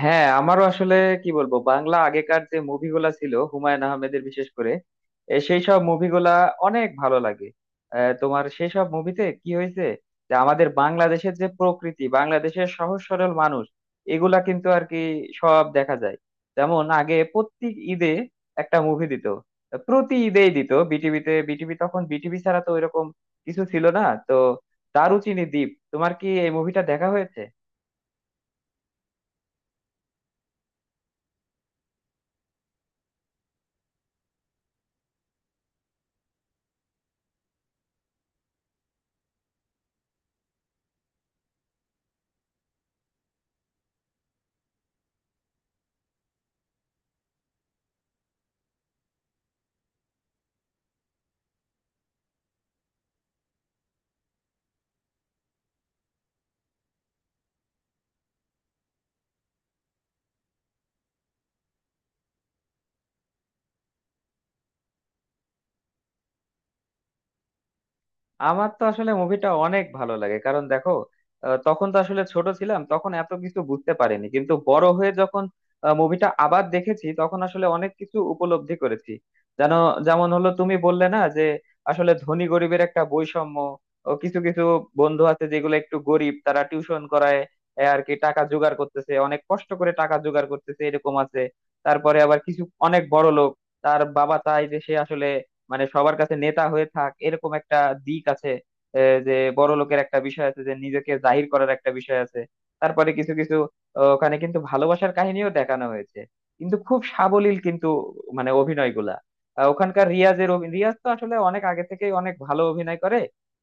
হ্যাঁ, আমারও আসলে কি বলবো, বাংলা আগেকার যে মুভিগুলা ছিল হুমায়ুন আহমেদের, বিশেষ করে সেই সব মুভিগুলা অনেক ভালো লাগে। তোমার সেই সব মুভিতে কি হয়েছে যে আমাদের বাংলাদেশের যে প্রকৃতি, বাংলাদেশের সহজ সরল মানুষ, এগুলা কিন্তু আর কি সব দেখা যায়। যেমন আগে প্রত্যেক ঈদে একটা মুভি দিত, প্রতি ঈদেই দিত বিটিভিতে। বিটিভি তখন, বিটিভি ছাড়া তো ওইরকম কিছু ছিল না। তো দারুচিনি দ্বীপ, তোমার কি এই মুভিটা দেখা হয়েছে? আমার তো আসলে মুভিটা অনেক ভালো লাগে, কারণ দেখো, তখন তো আসলে ছোট ছিলাম, তখন এত কিছু বুঝতে পারিনি, কিন্তু বড় হয়ে যখন মুভিটা আবার দেখেছি, তখন আসলে অনেক কিছু উপলব্ধি করেছি, জানো। যেমন হলো, তুমি বললে না যে আসলে ধনী গরিবের একটা বৈষম্য, ও কিছু কিছু বন্ধু আছে যেগুলো একটু গরিব, তারা টিউশন করায়, এ আর কি টাকা জোগাড় করতেছে, অনেক কষ্ট করে টাকা জোগাড় করতেছে, এরকম আছে। তারপরে আবার কিছু অনেক বড় লোক, তার বাবা চায় যে সে আসলে, মানে সবার কাছে নেতা হয়ে থাক, এরকম একটা দিক আছে। যে বড় লোকের একটা বিষয় আছে, যে নিজেকে জাহির করার একটা বিষয় আছে। তারপরে কিছু কিছু, ওখানে কিন্তু ভালোবাসার কাহিনীও দেখানো হয়েছে, কিন্তু খুব সাবলীল, কিন্তু মানে অভিনয়গুলা, ওখানকার রিয়াজের রিয়াজ তো আসলে অনেক আগে থেকেই অনেক ভালো অভিনয় করে,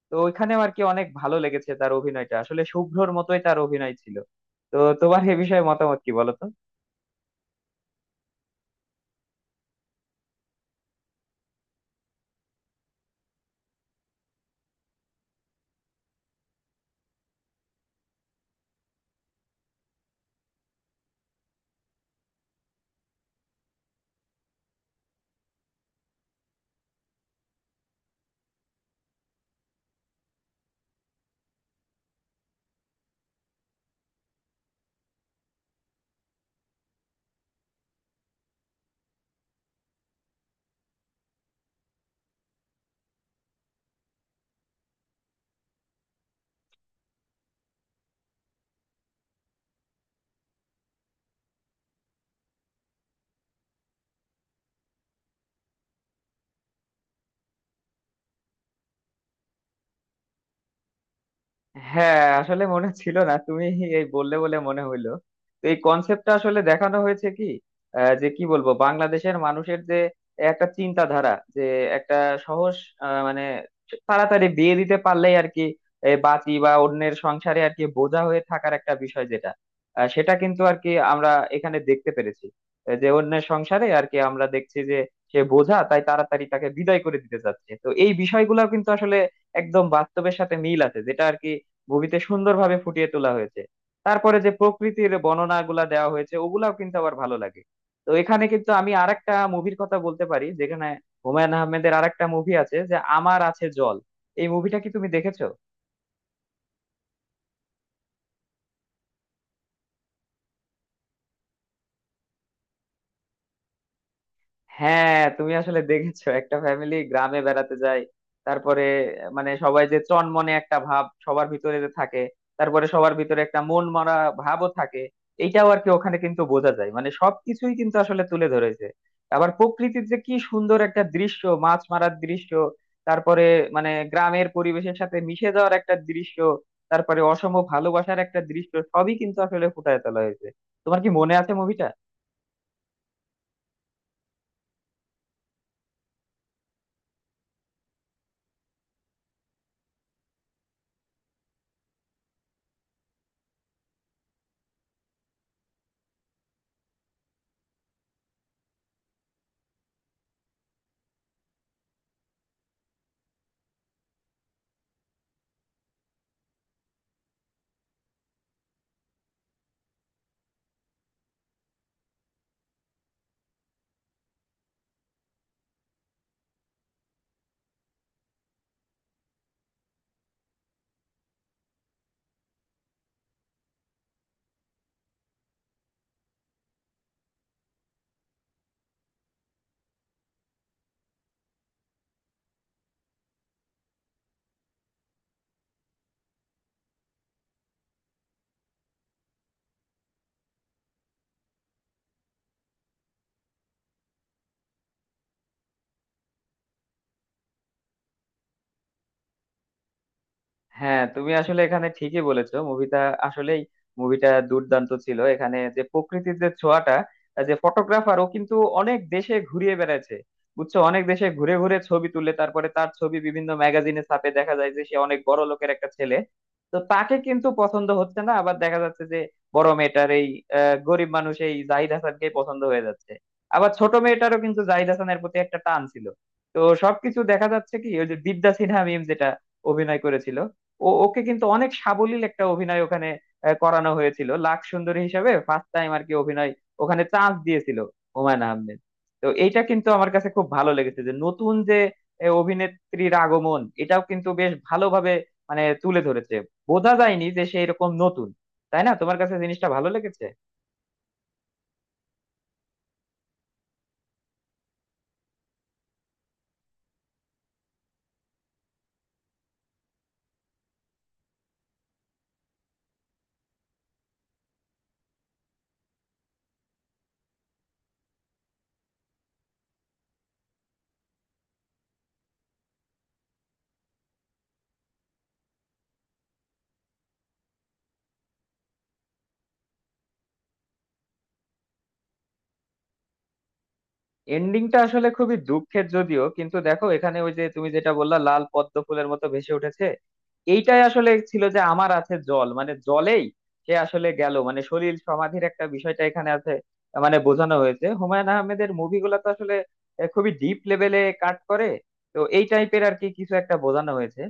তো ওইখানেও আর কি অনেক ভালো লেগেছে। তার অভিনয়টা আসলে শুভ্রর মতোই তার অভিনয় ছিল। তো তোমার এ বিষয়ে মতামত কি, বলো তো? হ্যাঁ, আসলে মনে ছিল না, তুমি এই বললে বলে মনে হইলো। তো এই কনসেপ্টটা আসলে দেখানো হয়েছে কি, যে কি বলবো, বাংলাদেশের মানুষের যে একটা চিন্তাধারা, যে একটা সহজ, মানে তাড়াতাড়ি বিয়ে দিতে পারলেই আর কি এই বাঁচি, বা অন্যের সংসারে আর কি বোঝা হয়ে থাকার একটা বিষয় যেটা, সেটা কিন্তু আর কি আমরা এখানে দেখতে পেরেছি। যে অন্যের সংসারে আর কি আমরা দেখছি যে সে বোঝা, তাই তাড়াতাড়ি তাকে বিদায় করে দিতে চাচ্ছে। তো এই বিষয়গুলো কিন্তু আসলে একদম বাস্তবের সাথে মিল আছে, যেটা আর কি মুভিতে সুন্দরভাবে ফুটিয়ে তোলা হয়েছে। তারপরে যে প্রকৃতির বর্ণনাগুলা দেওয়া হয়েছে, ওগুলাও কিন্তু আবার ভালো লাগে। তো এখানে কিন্তু আমি আরেকটা মুভির কথা বলতে পারি, যেখানে হুমায়ুন আহমেদের আরেকটা মুভি আছে, যে আমার আছে জল, এই মুভিটা কি তুমি দেখেছো? হ্যাঁ, তুমি আসলে দেখেছো একটা ফ্যামিলি গ্রামে বেড়াতে যায়। তারপরে মানে সবাই যে চনমনে একটা ভাব সবার ভিতরে যে থাকে, তারপরে সবার ভিতরে একটা মন মারা ভাবও থাকে, এইটাও আর কি ওখানে কিন্তু বোঝা যায়, মানে সবকিছুই কিন্তু আসলে তুলে ধরেছে। আবার প্রকৃতির যে কি সুন্দর একটা দৃশ্য, মাছ মারার দৃশ্য, তারপরে মানে গ্রামের পরিবেশের সাথে মিশে যাওয়ার একটা দৃশ্য, তারপরে অসম ভালোবাসার একটা দৃশ্য, সবই কিন্তু আসলে ফুটায় তোলা হয়েছে। তোমার কি মনে আছে মুভিটা? হ্যাঁ, তুমি আসলে এখানে ঠিকই বলেছো, মুভিটা আসলেই মুভিটা দুর্দান্ত ছিল। এখানে যে প্রকৃতির যে ছোঁয়াটা, যে ফটোগ্রাফার ও কিন্তু অনেক দেশে ঘুরিয়ে বেড়াচ্ছে, বুঝছো, অনেক দেশে ঘুরে ঘুরে ছবি তুলে, তারপরে তার ছবি বিভিন্ন ম্যাগাজিনে ছাপে, দেখা যায় যে সে অনেক বড় লোকের একটা ছেলে। তো তাকে কিন্তু পছন্দ হচ্ছে না, আবার দেখা যাচ্ছে যে বড় মেয়েটার এই, গরিব মানুষ, এই জাহিদ হাসানকে পছন্দ হয়ে যাচ্ছে। আবার ছোট মেয়েটারও কিন্তু জাহিদ হাসানের প্রতি একটা টান ছিল। তো সবকিছু দেখা যাচ্ছে কি, ওই যে বিদ্যা সিনহা মিম যেটা অভিনয় করেছিল, ও ওকে কিন্তু অনেক সাবলীল একটা অভিনয় ওখানে করানো হয়েছিল, লাখ সুন্দরী হিসাবে ফার্স্ট টাইম আর কি অভিনয় ওখানে চান্স দিয়েছিল হুমায়ুন আহমেদ। তো এইটা কিন্তু আমার কাছে খুব ভালো লেগেছে যে নতুন যে অভিনেত্রীর আগমন, এটাও কিন্তু বেশ ভালোভাবে মানে তুলে ধরেছে, বোঝা যায়নি যে সেই রকম নতুন, তাই না? তোমার কাছে জিনিসটা ভালো লেগেছে। এন্ডিংটা আসলে খুবই দুঃখের, যদিও কিন্তু দেখো, এখানে ওই যে তুমি যেটা বললা লাল পদ্ম ফুলের মতো ভেসে উঠেছে, এইটাই আসলে ছিল যে আমার আছে জল, মানে জলেই সে আসলে গেল, মানে সলিল সমাধির একটা বিষয়টা এখানে আছে, মানে বোঝানো হয়েছে। হুমায়ুন আহমেদের মুভিগুলো তো আসলে খুবই ডিপ লেভেলে কাট করে, তো এই টাইপের আর কি কিছু একটা বোঝানো হয়েছে।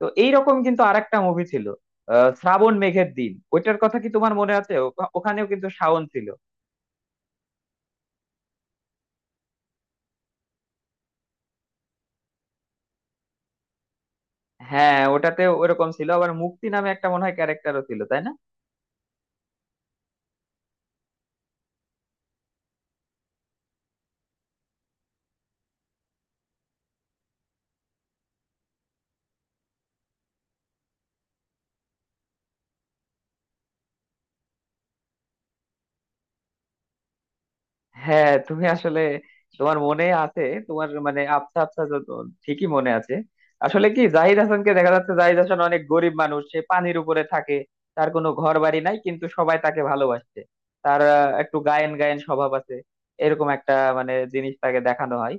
তো এইরকম কিন্তু আরেকটা মুভি ছিল, শ্রাবণ মেঘের দিন, ওইটার কথা কি তোমার মনে আছে? ওখানেও কিন্তু শাওন ছিল। হ্যাঁ, ওটাতে ওরকম ছিল, আবার মুক্তি নামে একটা মনে হয় ক্যারেক্টারও ছিল, তাই না? হ্যাঁ, তুমি আসলে তোমার মনে আছে, তোমার মানে আবছা আবছা যত ঠিকই মনে আছে। আসলে কি, জাহিদ হাসানকে দেখা যাচ্ছে, জাহিদ হাসান অনেক গরিব মানুষ, সে পানির উপরে থাকে, তার কোনো ঘর বাড়ি নাই, কিন্তু সবাই তাকে ভালোবাসছে। তার একটু গায়েন গায়েন স্বভাব আছে, এরকম একটা মানে জিনিস তাকে দেখানো হয়।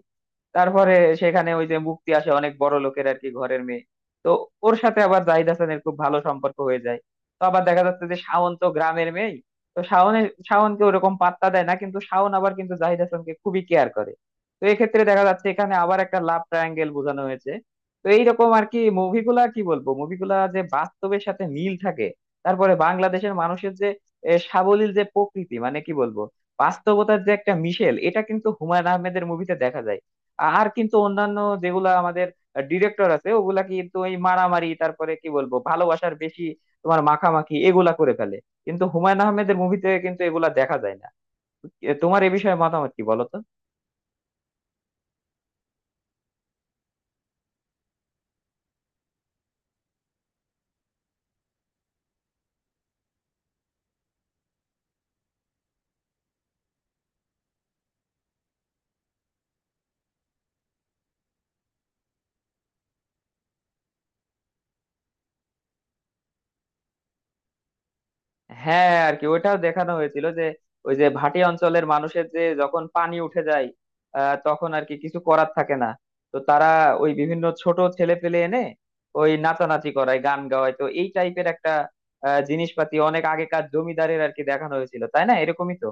তারপরে সেখানে ওই যে মুক্তি আসে, অনেক বড় লোকের আর কি ঘরের মেয়ে, তো ওর সাথে আবার জাহিদ হাসানের খুব ভালো সম্পর্ক হয়ে যায়। তো আবার দেখা যাচ্ছে যে শাওন তো গ্রামের মেয়ে, তো শাওনকে ওরকম পাত্তা দেয় না, কিন্তু শাওন আবার কিন্তু জাহিদ হাসানকে খুবই কেয়ার করে। তো এক্ষেত্রে দেখা যাচ্ছে, এখানে আবার একটা লাভ ট্রায়াঙ্গেল বোঝানো হয়েছে। তো এইরকম আর কি মুভিগুলা, কি বলবো, মুভিগুলা যে বাস্তবের সাথে মিল থাকে, তারপরে বাংলাদেশের মানুষের যে সাবলীল যে প্রকৃতি, মানে কি বলবো, বাস্তবতার যে একটা মিশেল, এটা কিন্তু হুমায়ুন আহমেদের মুভিতে দেখা যায়। আর কিন্তু অন্যান্য যেগুলা আমাদের ডিরেক্টর আছে, ওগুলা কিন্তু এই মারামারি, তারপরে কি বলবো, ভালোবাসার বেশি তোমার মাখামাখি, এগুলা করে ফেলে। কিন্তু হুমায়ুন আহমেদের মুভিতে কিন্তু এগুলা দেখা যায় না। এ তোমার এ বিষয়ে মতামত কি, বলো তো। হ্যাঁ আর কি, ওইটাও দেখানো হয়েছিল যে ওই যে ভাটি অঞ্চলের মানুষের যে যখন পানি উঠে যায়, তখন আর কি কিছু করার থাকে না। তো তারা ওই বিভিন্ন ছোট ছেলে পেলে এনে ওই নাচানাচি করায়, গান গাওয়ায়, তো এই টাইপের একটা জিনিসপাতি অনেক আগেকার জমিদারের আর কি দেখানো হয়েছিল, তাই না, এরকমই তো।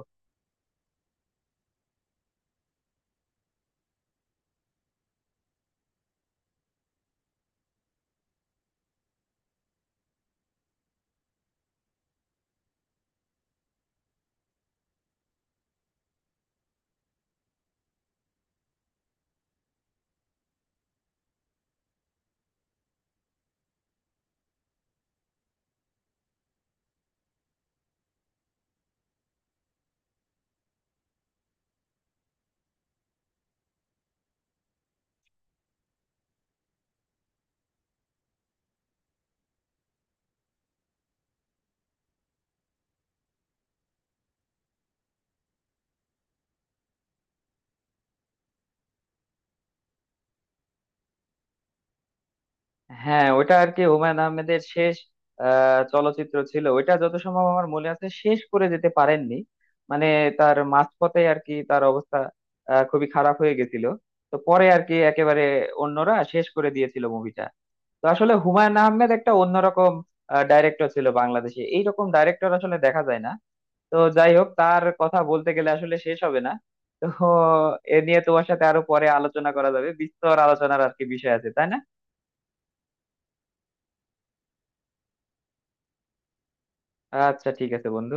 হ্যাঁ ওটা আর কি হুমায়ুন আহমেদের শেষ চলচ্চিত্র ছিল ওইটা, যত সম্ভব আমার মনে আছে শেষ করে যেতে পারেননি, মানে তার মাঝপথে আর কি তার অবস্থা খুবই খারাপ হয়ে গেছিল। তো পরে আর কি একেবারে অন্যরা শেষ করে দিয়েছিল মুভিটা। তো আসলে হুমায়ুন আহমেদ একটা অন্যরকম ডাইরেক্টর ছিল, বাংলাদেশে এইরকম ডাইরেক্টর আসলে দেখা যায় না। তো যাই হোক, তার কথা বলতে গেলে আসলে শেষ হবে না। তো এ নিয়ে তোমার সাথে আরো পরে আলোচনা করা যাবে, বিস্তর আলোচনার আর কি বিষয় আছে, তাই না? আচ্ছা, ঠিক আছে বন্ধু।